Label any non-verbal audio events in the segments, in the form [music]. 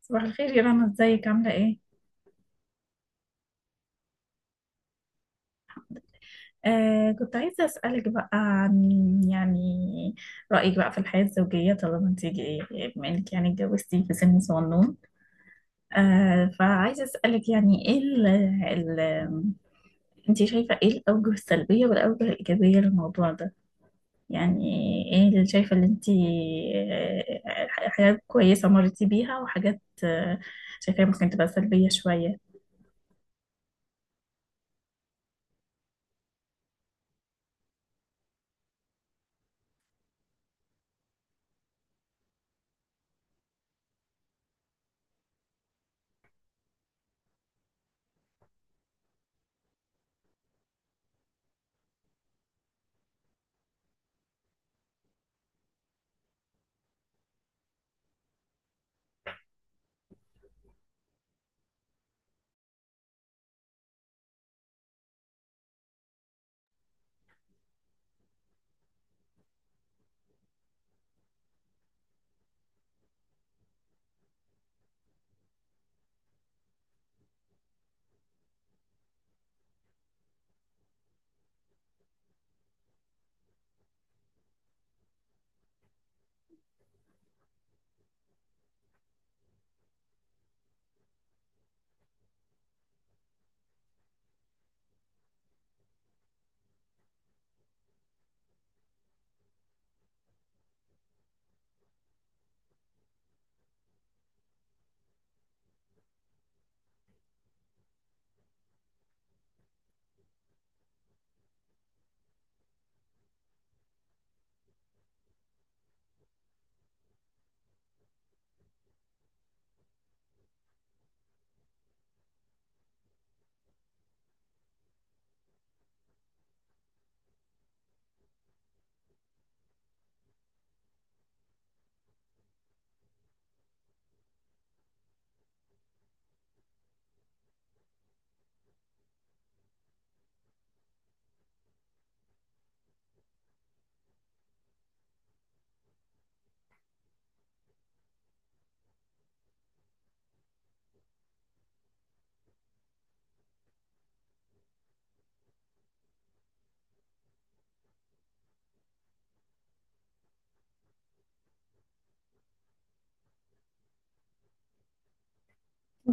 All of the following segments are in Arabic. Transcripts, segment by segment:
صباح الخير يا رنا، ازيك عاملة ايه؟ كنت عايزة اسألك بقى عن يعني رأيك بقى في الحياة الزوجية، طالما انت بما انك يعني اتجوزتي في سن صغنون. فعايزة اسألك يعني ايه ال ال انت شايفة ايه الأوجه السلبية والأوجه الإيجابية للموضوع ده؟ يعني ايه اللي شايفة اللي انت، حاجات كويسة مرتي بيها، وحاجات شايفاها ممكن تبقى سلبية شوية.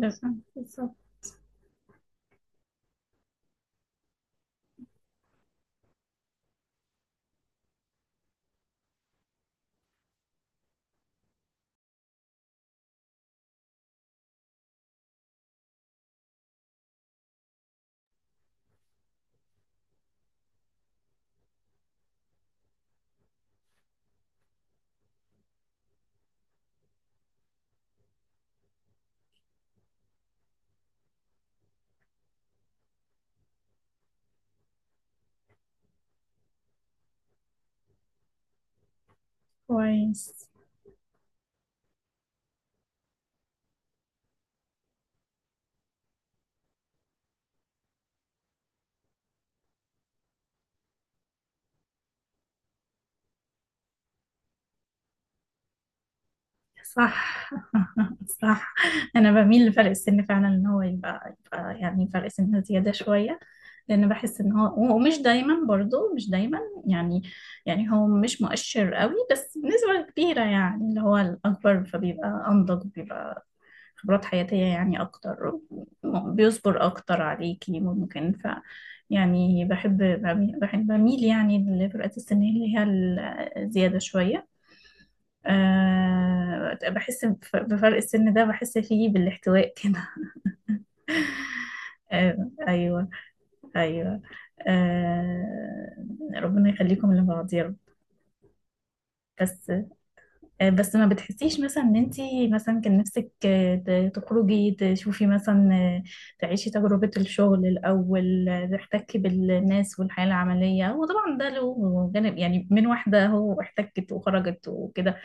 بس. بالظبط. كويس. صح. [laughs] صح. انا بميل لفرق السن فعلا، ان هو يبقى يعني فرق سن زياده شويه، لان بحس ان هو، ومش دايما برضو، مش دايما يعني يعني هو مش مؤشر قوي، بس بنسبه كبيره يعني اللي هو الاكبر فبيبقى انضج، بيبقى خبرات حياتيه يعني اكتر، بيصبر اكتر عليكي ممكن. ف يعني بحب بميل يعني، لفئة السن اللي هي الزياده شويه. بحس بفرق السن ده، بحس فيه بالاحتواء كده. [laughs] آه أيوه. أيوه. ربنا يخليكم لبعض يا رب. بس بس ما بتحسيش مثلا ان انتي مثلا كان نفسك تخرجي، تشوفي مثلا، تعيشي تجربة الشغل الأول، تحتكي بالناس والحياة العملية؟ وطبعا ده له جانب، يعني من واحدة هو احتكت وخرجت وكده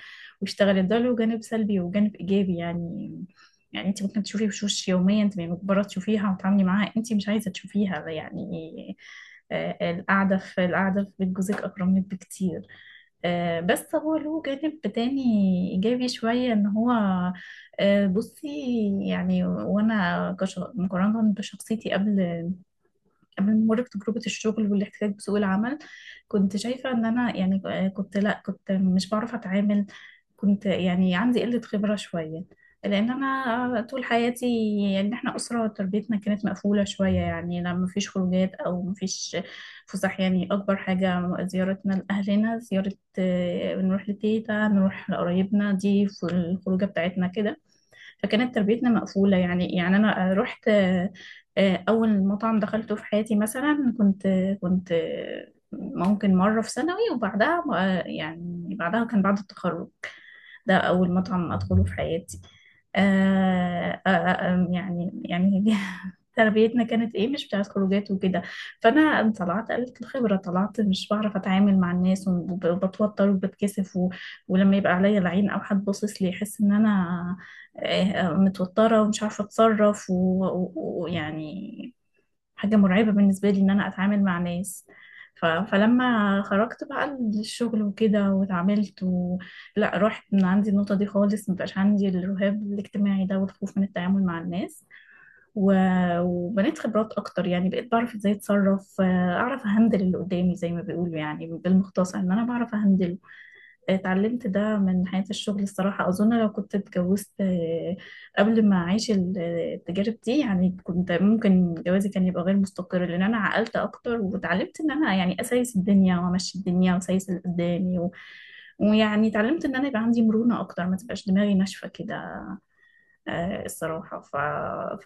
واشتغلت، ده له جانب سلبي وجانب إيجابي يعني. يعني انتي ممكن تشوفي وشوش يومية انت مجبرة تشوفيها وتتعاملي معاها انتي مش عايزة تشوفيها يعني. القعدة في بيت جوزك أكرم لك بكتير. بس هو له جانب تاني إيجابي شوية، إن هو بصي يعني. وأنا مقارنة بشخصيتي قبل، من مرور تجربة الشغل والاحتكاك بسوق العمل، كنت شايفة ان انا يعني كنت، لا كنت مش بعرف اتعامل، كنت يعني عندي قلة خبرة شوية، لان انا طول حياتي، يعني احنا اسرة تربيتنا كانت مقفولة شوية، يعني لا مفيش خروجات او مفيش فسح، يعني اكبر حاجة زيارتنا لاهلنا زيارة، بنروح لتيتا، نروح لقرايبنا، دي الخروجة بتاعتنا كده. فكانت تربيتنا مقفولة يعني. يعني أنا رحت، أول مطعم دخلته في حياتي مثلا، كنت ممكن مرة في ثانوي، وبعدها يعني بعدها كان بعد التخرج، ده أول مطعم أدخله في حياتي. آه آه آه يعني يعني [laughs] تربيتنا كانت إيه، مش بتاعت خروجات وكده. فأنا طلعت قلة الخبرة، طلعت مش بعرف أتعامل مع الناس، وبتوتر وبتكسف، ولما يبقى عليا العين أو حد باصص لي يحس إن أنا متوترة ومش عارفة أتصرف، ويعني حاجة مرعبة بالنسبة لي إن أنا أتعامل مع ناس. فلما خرجت بقى للشغل وكده واتعاملت، لا رحت من عندي النقطة دي خالص، مبقاش عندي الرهاب الاجتماعي ده والخوف من التعامل مع الناس، و... وبنيت خبرات أكتر، يعني بقيت بعرف إزاي أتصرف، أعرف أهندل اللي قدامي زي ما بيقولوا، يعني بالمختصر إن أنا بعرف أهندله. اتعلمت ده من حياة الشغل الصراحة. أظن لو كنت اتجوزت قبل ما أعيش التجارب دي يعني، كنت ممكن جوازي كان يبقى غير مستقر، لأن أنا عقلت أكتر واتعلمت إن أنا يعني أسايس الدنيا وأمشي الدنيا وأسايس اللي قدامي، ويعني اتعلمت إن أنا يبقى عندي مرونة أكتر، ما تبقاش دماغي ناشفة كده. الصراحة.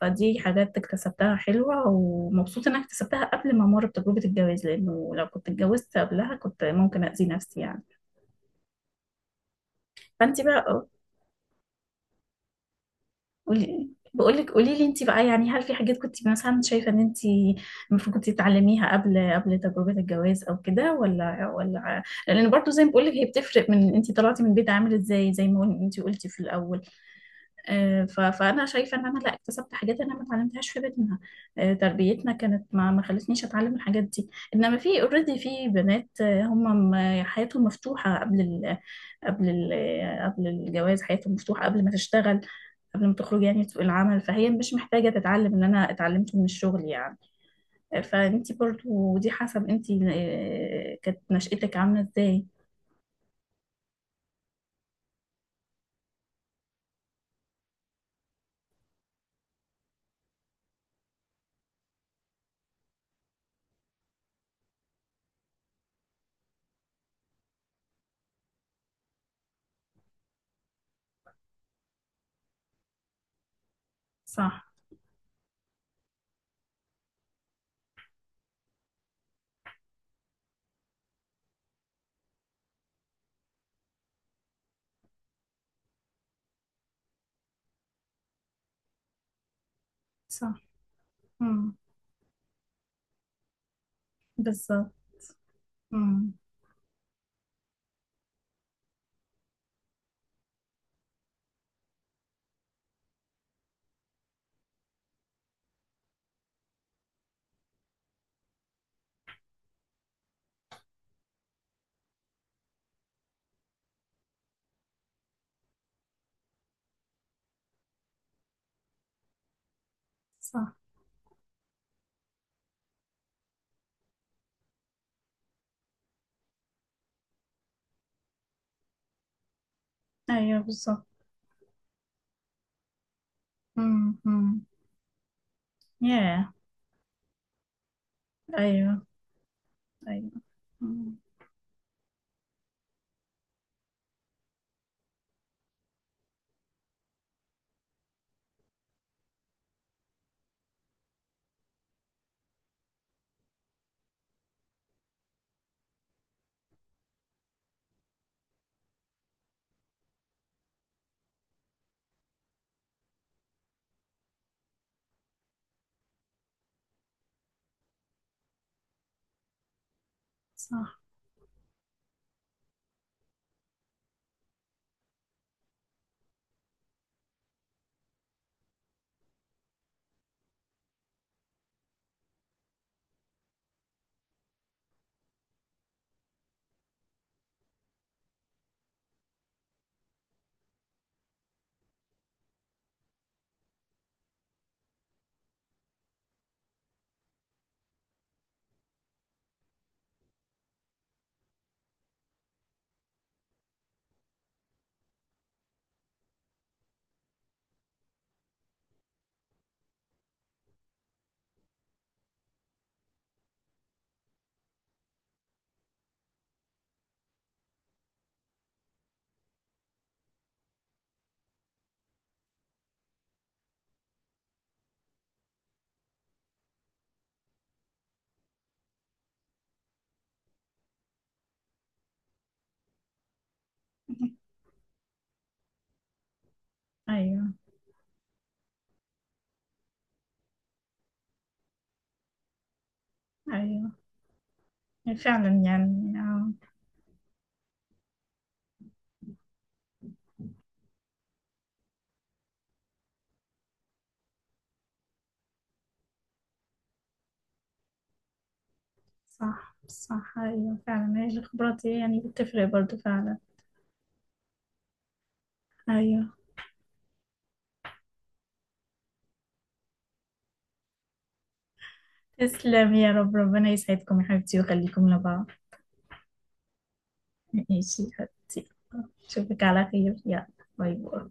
فدي حاجات اكتسبتها حلوة، ومبسوطة إن أنا اكتسبتها قبل ما أمر بتجربة الجواز، لأنه لو كنت اتجوزت قبلها كنت ممكن أذي نفسي يعني. فأنت بقى، قولي لي انت بقى يعني، هل في حاجات كنت مثلا شايفه ان انت المفروض كنت تتعلميها قبل تجربه الجواز او كده، ولا؟ لان برضو زي ما بقولك، هي بتفرق من انت طلعتي من البيت عامل ازاي، زي ما انت قلتي في الاول. فانا شايفه ان انا لا اكتسبت حاجات انا ما اتعلمتهاش في بيتنا، تربيتنا كانت ما خلتنيش اتعلم الحاجات دي. انما في اوريدي في بنات، هم حياتهم مفتوحه قبل ال قبل ال قبل الجواز، حياتهم مفتوحه قبل ما تشتغل، قبل ما تخرج يعني سوق العمل، فهي مش محتاجه تتعلم اللي انا اتعلمته من الشغل يعني. فانتي برضو دي حسب انتي كانت نشأتك عامله ازاي. صح. صح. مم. بالظبط. مم. صح. ايوه بالظبط. امم امم ياه. ايوه. ايوه. مم. صح. ايوه. ايوه يعني فعلا يعني، صح. صح. ايوه فعلا. هي الخبرات هي يعني بتفرق برضو فعلا. ايوه. تسلم يا رب، ربنا يسعدكم يا حبيبتي ويخليكم لبعض. ماشي يا حبيبتي، اشوفك على خير يلا. باي باي.